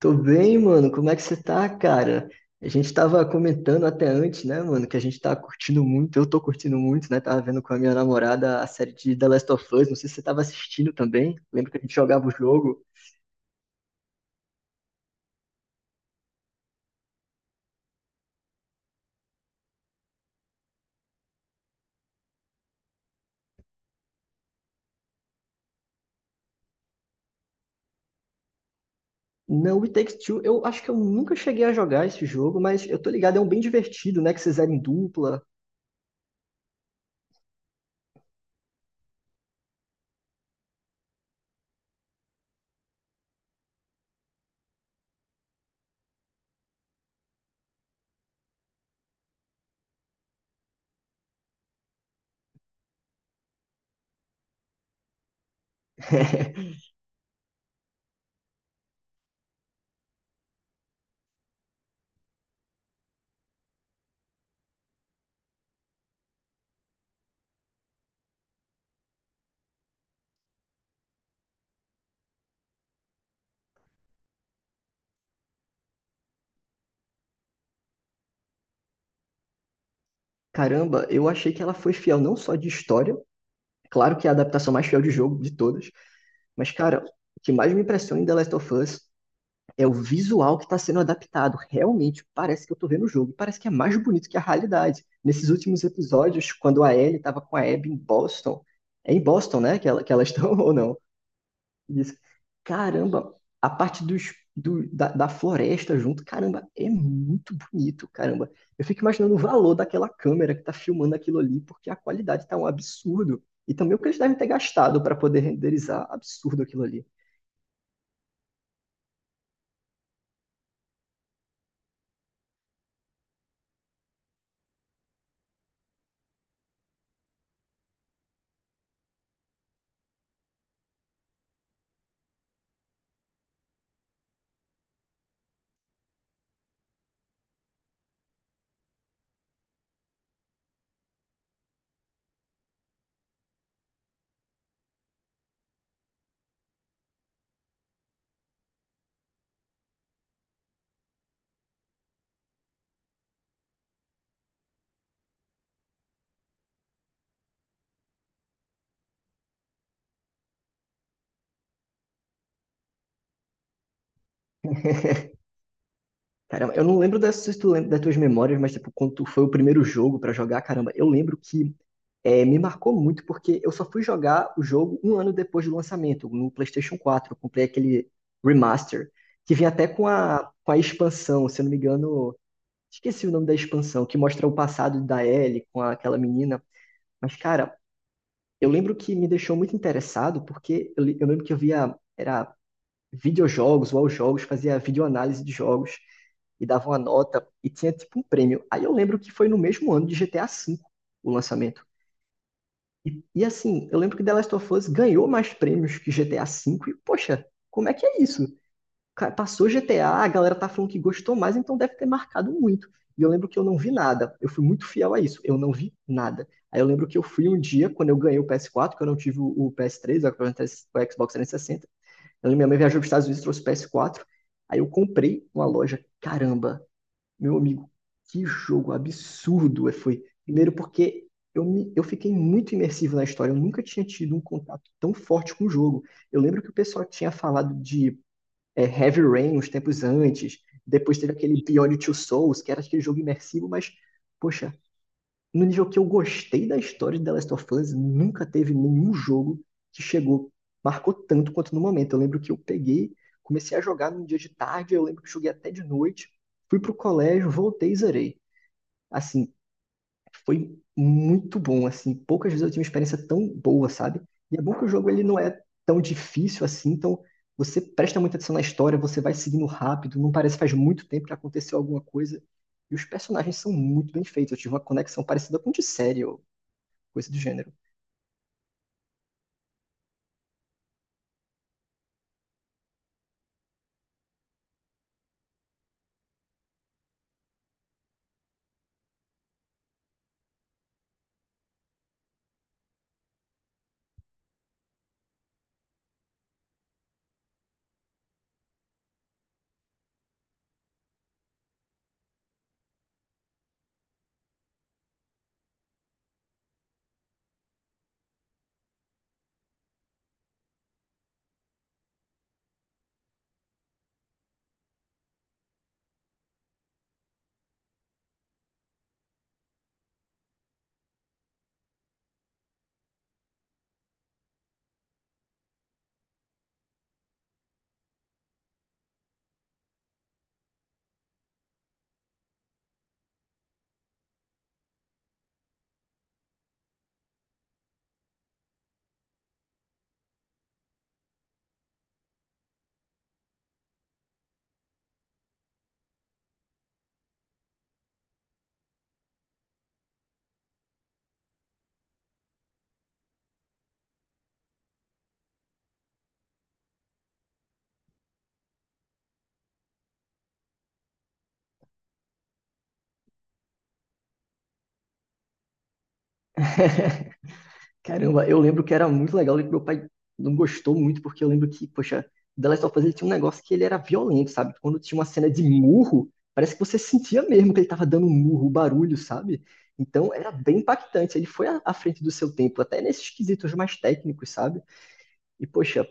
Tô bem, mano. Como é que você tá, cara? A gente tava comentando até antes, né, mano, que a gente tá curtindo muito. Eu tô curtindo muito, né? Tava vendo com a minha namorada a série de The Last of Us. Não sei se você tava assistindo também. Lembra que a gente jogava o jogo? Não, It Takes Two. Eu acho que eu nunca cheguei a jogar esse jogo, mas eu tô ligado, é um bem divertido, né? Que vocês eram em dupla. Caramba, eu achei que ela foi fiel não só de história, claro que é a adaptação mais fiel de jogo de todas, mas, cara, o que mais me impressiona em The Last of Us é o visual que está sendo adaptado. Realmente parece que eu estou vendo o jogo, e parece que é mais bonito que a realidade. Nesses últimos episódios, quando a Ellie estava com a Abby em Boston, é em Boston, né, que elas estão ou não? E disse, caramba, a parte da floresta junto, caramba, é muito bonito, caramba. Eu fico imaginando o valor daquela câmera que está filmando aquilo ali, porque a qualidade está um absurdo. E também o que eles devem ter gastado para poder renderizar, absurdo aquilo ali. Caramba, eu não lembro dessas, se tu lembra das tuas memórias, mas tipo, quando tu foi o primeiro jogo pra jogar, caramba, eu lembro que me marcou muito porque eu só fui jogar o jogo um ano depois do lançamento, no PlayStation quatro. Eu comprei aquele remaster, que vinha até com a expansão, se eu não me engano, esqueci o nome da expansão, que mostra o passado da Ellie com aquela menina. Mas, cara, eu lembro que me deixou muito interessado porque eu lembro que eu via, era videojogos ou aos jogos, fazia videoanálise de jogos e dava uma nota e tinha tipo um prêmio. Aí eu lembro que foi no mesmo ano de GTA V o lançamento. E assim, eu lembro que The Last of Us ganhou mais prêmios que GTA V e, poxa, como é que é isso? Passou GTA, a galera tá falando que gostou mais, então deve ter marcado muito. E eu lembro que eu não vi nada. Eu fui muito fiel a isso. Eu não vi nada. Aí eu lembro que eu fui um dia, quando eu ganhei o PS4, que eu não tive o PS3, o Xbox 360, eu minha mãe viajou para os Estados Unidos e trouxe PS4. Aí eu comprei numa loja. Caramba, meu amigo, que jogo absurdo foi. Primeiro porque eu fiquei muito imersivo na história. Eu nunca tinha tido um contato tão forte com o jogo. Eu lembro que o pessoal tinha falado de Heavy Rain uns tempos antes. Depois teve aquele Beyond Two Souls, que era aquele jogo imersivo, mas, poxa, no jogo que eu gostei da história de The Last of Us, nunca teve nenhum jogo que chegou, marcou tanto quanto no momento. Eu lembro que comecei a jogar num dia de tarde, eu lembro que joguei até de noite, fui pro colégio, voltei e zerei. Assim, foi muito bom, assim, poucas vezes eu tive uma experiência tão boa, sabe? E é bom que o jogo ele não é tão difícil assim, então você presta muita atenção na história, você vai seguindo rápido, não parece que faz muito tempo que aconteceu alguma coisa. E os personagens são muito bem feitos. Eu tive uma conexão parecida com de série coisa do gênero. Caramba, eu lembro que era muito legal e que meu pai não gostou muito, porque eu lembro que, poxa, The Last of Us ele tinha um negócio que ele era violento, sabe? Quando tinha uma cena de murro, parece que você sentia mesmo que ele tava dando um murro, um barulho, sabe? Então era bem impactante. Ele foi à frente do seu tempo, até nesses quesitos mais técnicos, sabe? E, poxa,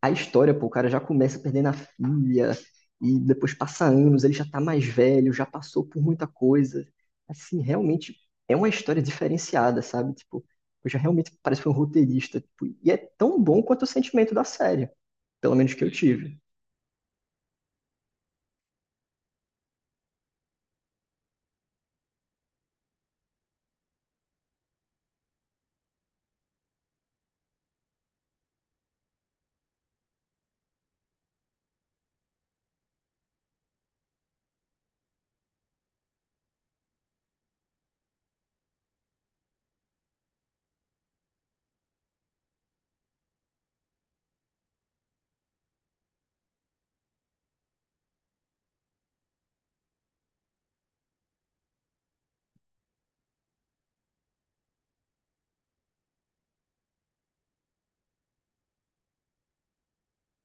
a história, pô, o cara já começa perdendo a filha, e depois passa anos, ele já tá mais velho, já passou por muita coisa. Assim, realmente é uma história diferenciada, sabe? Tipo, eu já realmente parece que foi um roteirista, tipo, e é tão bom quanto o sentimento da série, pelo menos que eu tive.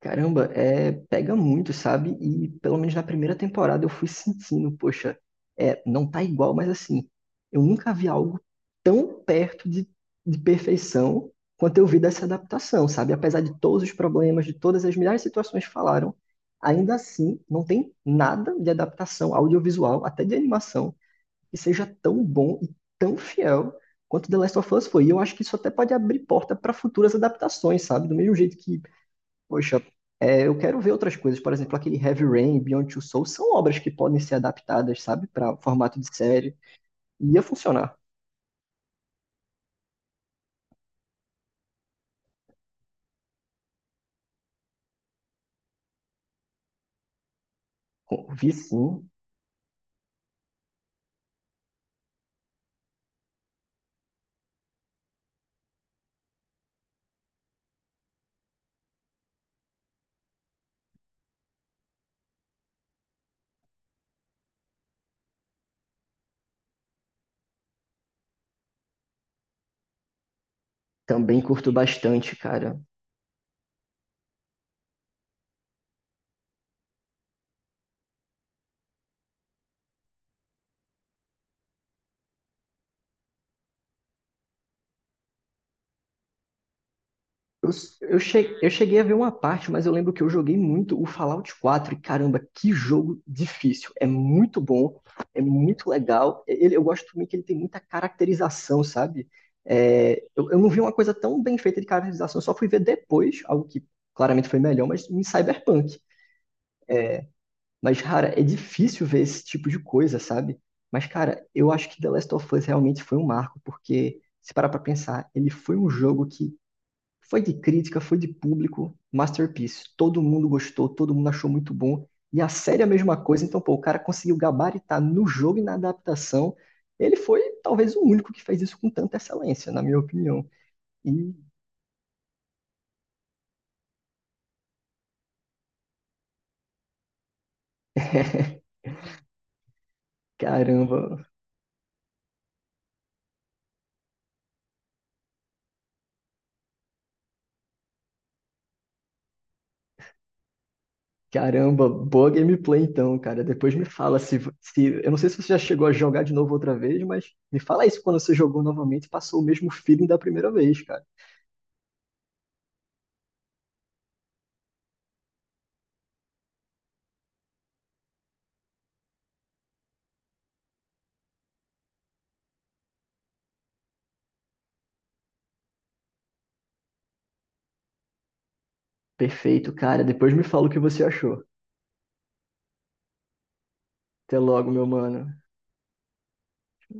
Caramba, pega muito, sabe? E pelo menos na primeira temporada eu fui sentindo, poxa, não tá igual, mas assim, eu nunca vi algo tão perto de perfeição quanto eu vi dessa adaptação, sabe? Apesar de todos os problemas, de todas as milhares de situações que falaram, ainda assim não tem nada de adaptação audiovisual, até de animação, que seja tão bom e tão fiel quanto The Last of Us foi. E eu acho que isso até pode abrir porta para futuras adaptações, sabe? Do mesmo jeito que, poxa, eu quero ver outras coisas. Por exemplo, aquele Heavy Rain, Beyond Two Souls são obras que podem ser adaptadas, sabe, para formato de série. E ia funcionar. Vi sim, também curto bastante, cara. Eu, eu cheguei a ver uma parte, mas eu lembro que eu joguei muito o Fallout quatro. E caramba, que jogo difícil. É muito bom, é muito legal. Eu gosto também que ele tem muita caracterização, sabe? É, eu não vi uma coisa tão bem feita de caracterização, eu só fui ver depois, algo que claramente foi melhor, mas em Cyberpunk. Mas, cara, é difícil ver esse tipo de coisa, sabe? Mas, cara, eu acho que The Last of Us realmente foi um marco, porque, se parar pra pensar, ele foi um jogo que foi de crítica, foi de público, masterpiece. Todo mundo gostou, todo mundo achou muito bom. E a série é a mesma coisa, então, pô, o cara conseguiu gabaritar no jogo e na adaptação. Ele foi, talvez, o único que fez isso com tanta excelência, na minha opinião. E, caramba, Caramba, boa gameplay então, cara. Depois me fala se. Eu não sei se você já chegou a jogar de novo outra vez, mas me fala isso quando você jogou novamente e passou o mesmo feeling da primeira vez, cara. Perfeito, cara. Depois me fala o que você achou. Até logo, meu mano.